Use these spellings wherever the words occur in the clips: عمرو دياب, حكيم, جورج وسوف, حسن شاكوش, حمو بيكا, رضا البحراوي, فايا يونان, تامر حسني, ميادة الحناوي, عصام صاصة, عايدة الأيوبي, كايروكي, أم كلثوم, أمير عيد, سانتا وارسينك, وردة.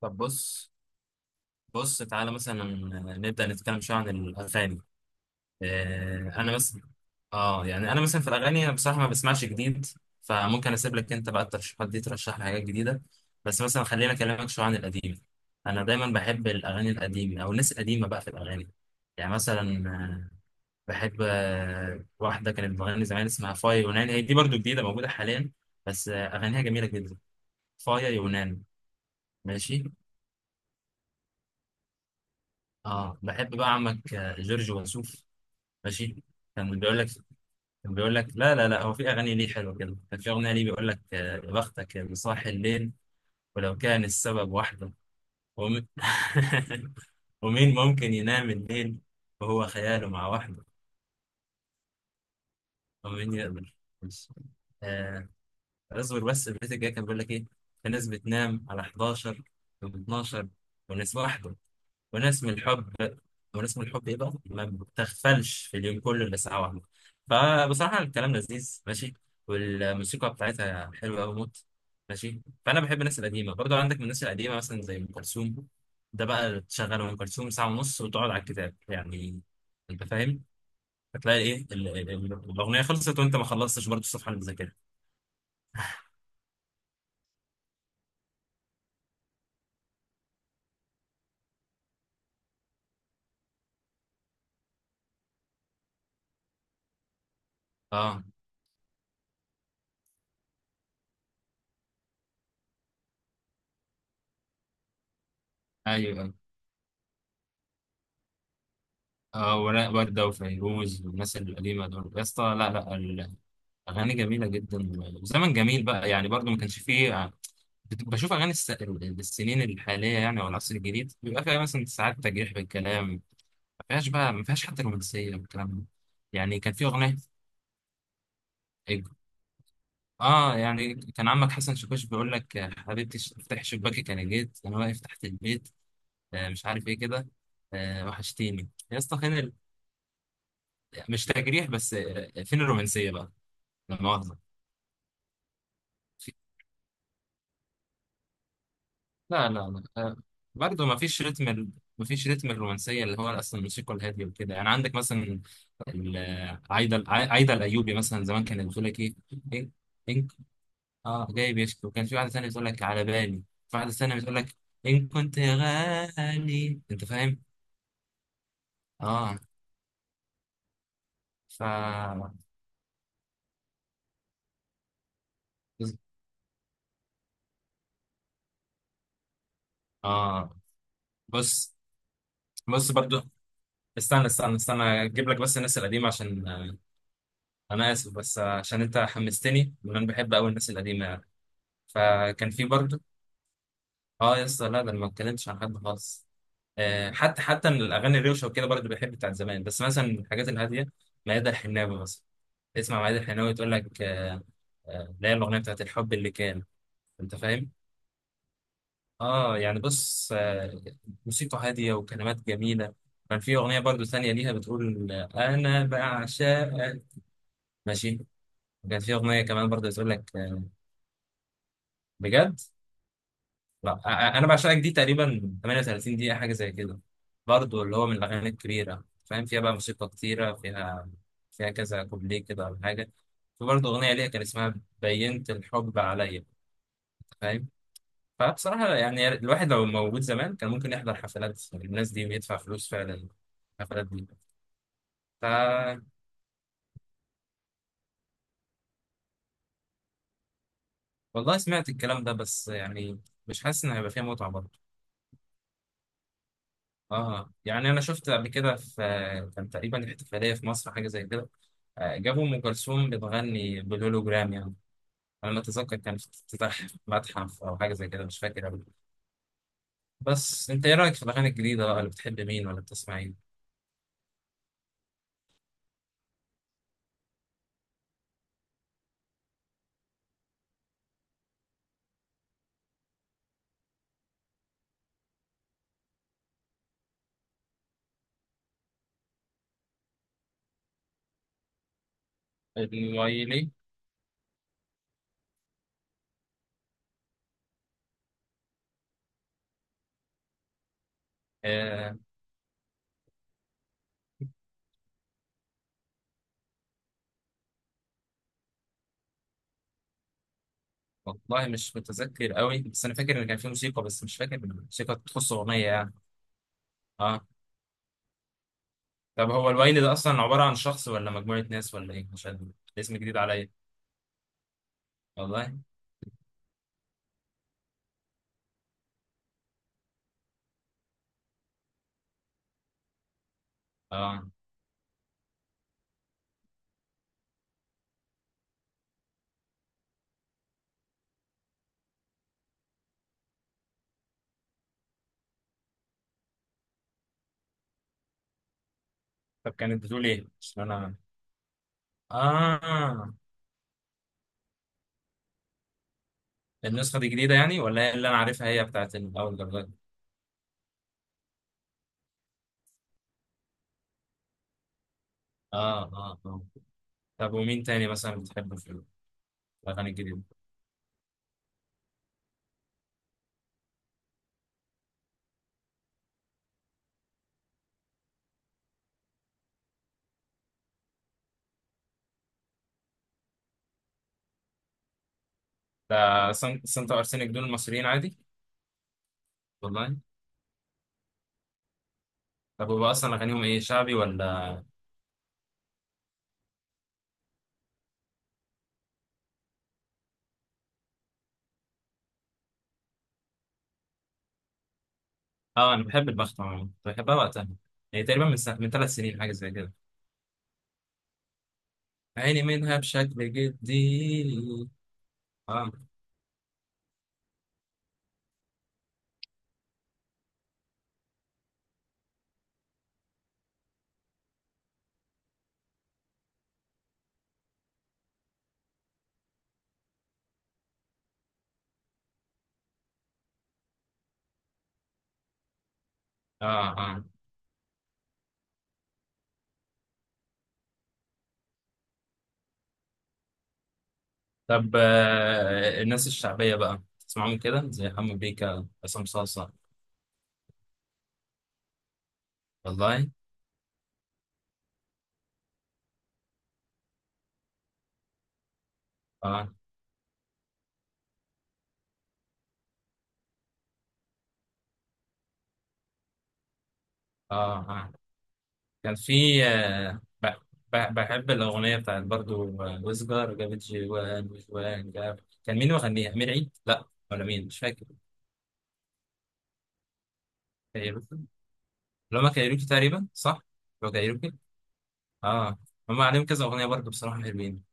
طب بص. تعالى مثلا نبدأ نتكلم شوية عن الأغاني. أنا مثلا، أنا مثلا في الأغاني أنا بصراحة ما بسمعش جديد، فممكن أسيب لك أنت بقى الترشيحات دي ترشح لي حاجات جديدة. بس مثلا خلينا أكلمك شوية عن القديم. أنا دايما بحب الأغاني القديمة أو الناس القديمة بقى في الأغاني. يعني مثلا، بحب واحدة كانت بتغني زمان اسمها فايا يونان، هي دي برضو جديدة موجودة حاليا، بس أغانيها جميلة جدا. فايا يونان. ماشي. اه بحب بقى عمك جورج وسوف. ماشي. كان بيقول لك كان بيقول لك لا لا لا، هو في اغاني ليه حلوه كده، كان في اغنيه ليه بيقول لك يا بختك اللي صاحي الليل، ولو كان السبب وحده. ومين ومين ممكن ينام الليل وهو خياله مع وحده. ومين يقدر. بص. آه، اصبر بس. البيت الجاي كان بيقول لك ايه؟ في ناس بتنام على 11 و12، وناس وحده ونسم الحب. ونسم الحب ايه بقى، ما بتغفلش في اليوم كله الا ساعه واحده. فبصراحه الكلام لذيذ، ماشي، والموسيقى بتاعتها حلوه قوي موت. ماشي. فانا بحب الناس القديمه برضو، عندك من الناس القديمه مثلا زي ام كلثوم. ده بقى تشغل ام كلثوم ساعه ونص وتقعد على الكتاب يعني، انت فاهم، هتلاقي ايه الاغنيه خلصت وانت ما خلصتش برضو الصفحه اللي بتذاكرها. اه. ايوه. اه، وراء وردة وفيروز والناس القديمة دول يا اسطى، لا لا، اغاني جميله جدا وزمن جميل بقى. يعني برضو ما كانش فيه، بشوف اغاني السنين الحاليه يعني او العصر الجديد، بيبقى فيها مثلا ساعات تجريح بالكلام، ما فيهاش بقى، ما فيهاش حتى رومانسيه والكلام ده. يعني كان في اغنيه، اه يعني كان عمك حسن شاكوش بيقول لك حبيبتي، افتحي شباكك انا جيت، انا واقف تحت البيت، مش عارف ايه كده، وحشتيني يا اسطى. مش تجريح بس، فين الرومانسيه بقى؟ لا مؤاخذه. لا لا لا، برضه ما فيش رتم ما فيش رتم الرومانسيه، اللي هو اصلا الموسيقى الهاديه وكده يعني. عندك مثلا عايده الايوبي مثلا، زمان كانت بتقول لك ايه، إن- انك، اه جاي بيشكي، وكان في واحده ثانيه بتقول لك على بالي، في واحده ثانيه بتقول لك ان كنت غالي. انت فاهم. اه. ف، اه بص. بص برضه استنى اجيب لك بس الناس القديمه، عشان انا اسف بس عشان انت حمستني وانا بحب قوي الناس القديمه. فكان في برضه، اه يا اسطى، لا، ده انا ما اتكلمتش عن حد خالص. آه، حتى من الاغاني الروشه وكده برضه بحب بتاعت زمان، بس مثلا من الحاجات الهاديه ميادة الحناوي مثلا. تسمع ميادة الحناوي تقول لك آه، اللي هي الاغنيه بتاعت الحب اللي كان، انت فاهم. اه يعني بص آه، موسيقى هاديه وكلمات جميله. كان في اغنيه برضه ثانيه ليها بتقول انا بعشقك. ماشي. كان في اغنيه كمان برضه بتقول لك آه. بجد. لا، انا بعشقك دي تقريبا 38 دقيقة حاجة زي كده، برضو اللي هو من الاغاني الكبيرة، فاهم، فيها بقى موسيقى كتيرة، فيها فيها كذا كوبليه كده ولا حاجة. في برضو اغنية ليها كان اسمها بينت الحب عليا، فاهم. فبصراحة يعني الواحد لو موجود زمان كان ممكن يحضر حفلات يعني الناس دي ويدفع فلوس فعلا الحفلات دي. ف، والله سمعت الكلام ده بس يعني مش حاسس ان هيبقى فيها متعة برضه. اه يعني انا شفت قبل كده، في كان تقريبا احتفاليه في مصر حاجه زي كده، جابوا ام كلثوم بتغني بالهولوجرام يعني. انا ما اتذكر، كان في افتتاح متحف او حاجه زي كده، مش فاكر قوي. بس انت ايه رايك في الاغاني الجديده بقى، اللي بتحب مين ولا بتسمع ايه؟ الوايلي؟ آه. والله مش متذكر قوي، بس انا فاكر ان كان في موسيقى، بس مش فاكر الموسيقى تخص اغنيه يعني. اه. طب هو الوايلي ده اصلا عباره عن شخص ولا مجموعه ناس ولا ايه؟ مش عارف، اسم جديد عليا والله. اه. طب كانت بتقول ايه؟ عشان انا. اه. النسخة دي جديدة يعني ولا هي اللي انا عارفها، هي بتاعت الاول درجات؟ اه اه اه. طب ومين تاني مثلا بتحبه في الاغاني الجديدة؟ ده سانتا وارسينك دول المصريين عادي؟ والله. طب هو اصلا اغانيهم ايه، شعبي ولا؟ اه انا بحب البخت عموما، كنت بحبها وقتها. هي تقريبا من من ثلاث سنين حاجة زي كده. عيني منها بشكل جدي. اه اه اه. طب آه، الناس الشعبية بقى تسمعهم كده زي حمو بيكا، عصام صاصة؟ والله. اه اه اه. كان في بحب الأغنية بتاعت برضو وسجار جابت جوان وجوان جاب. كان مين مغنيها؟ أمير عيد؟ لا، ولا مين، مش فاكر. كايروكي. اللي هما كايروكي تقريبا، صح؟ هو كايروكي؟ اه. هما عليهم كذا أغنية برضو، بصراحة حلوين.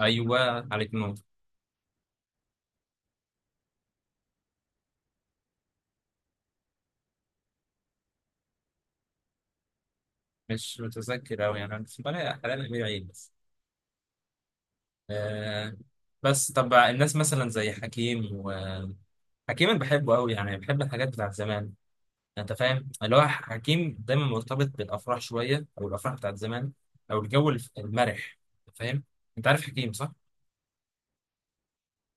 أيوه، عليك نور. مش متذكر أوي يعني، أنا بس بلاقي أحيانا أمير عيد بس. آه. بس طب الناس مثلا زي حكيم، حكيم أنا بحبه أوي يعني، بحب الحاجات بتاعت زمان، انت فاهم. اللي هو حكيم دايما مرتبط بالافراح شويه، او الافراح بتاعت زمان، او الجو المرح، أنت فاهم. انت عارف حكيم، صح؟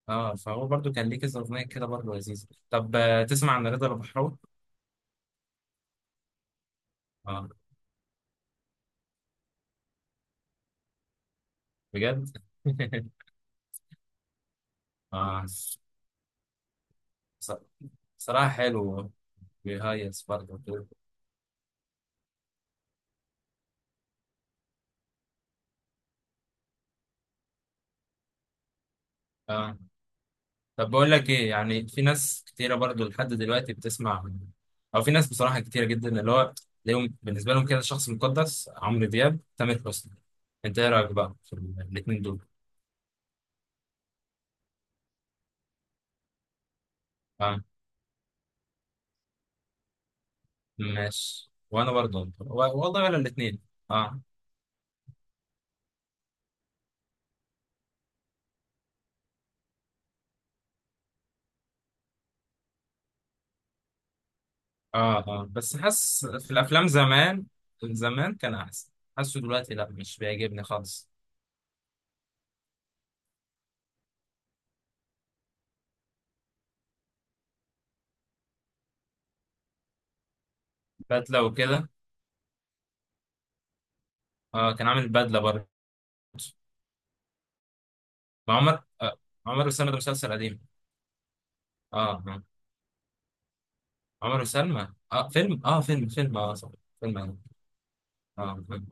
اه. فهو برضو كان ليه كذا اغنيه كده برضو لذيذه. طب تسمع عن رضا البحراوي؟ اه، بجد. اه. ص- صراحه حلو. بيهيص برضو كده. اه. طب بقول لك ايه، يعني في ناس كتيره برضو لحد دلوقتي بتسمع، او في ناس بصراحه كتيره جدا اللي هو ليهم بالنسبه لهم كده شخص مقدس، عمرو دياب، تامر حسني. انت ايه رايك بقى في الاثنين دول؟ اه، ماشي. وانا برضو، والله ولا الاثنين. اه اه اه. بس حاسس في الافلام زمان، زمان كان احسن. حاسه دلوقتي لا، مش بيعجبني خالص. بدله وكده. اه، كان عامل بدله برضو مع عمر. آه، عمر وسلمى ده مسلسل قديم. اه آه. عمر وسلمى، اه فيلم، اه فيلم اه صح، فيلم. اه، فيلم.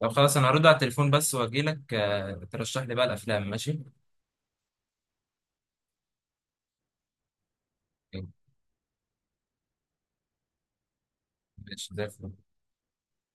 طب خلاص، انا هرد على التليفون بس واجي لك، آه ترشح لي بقى الافلام، ماشي. ماشي زي الفل.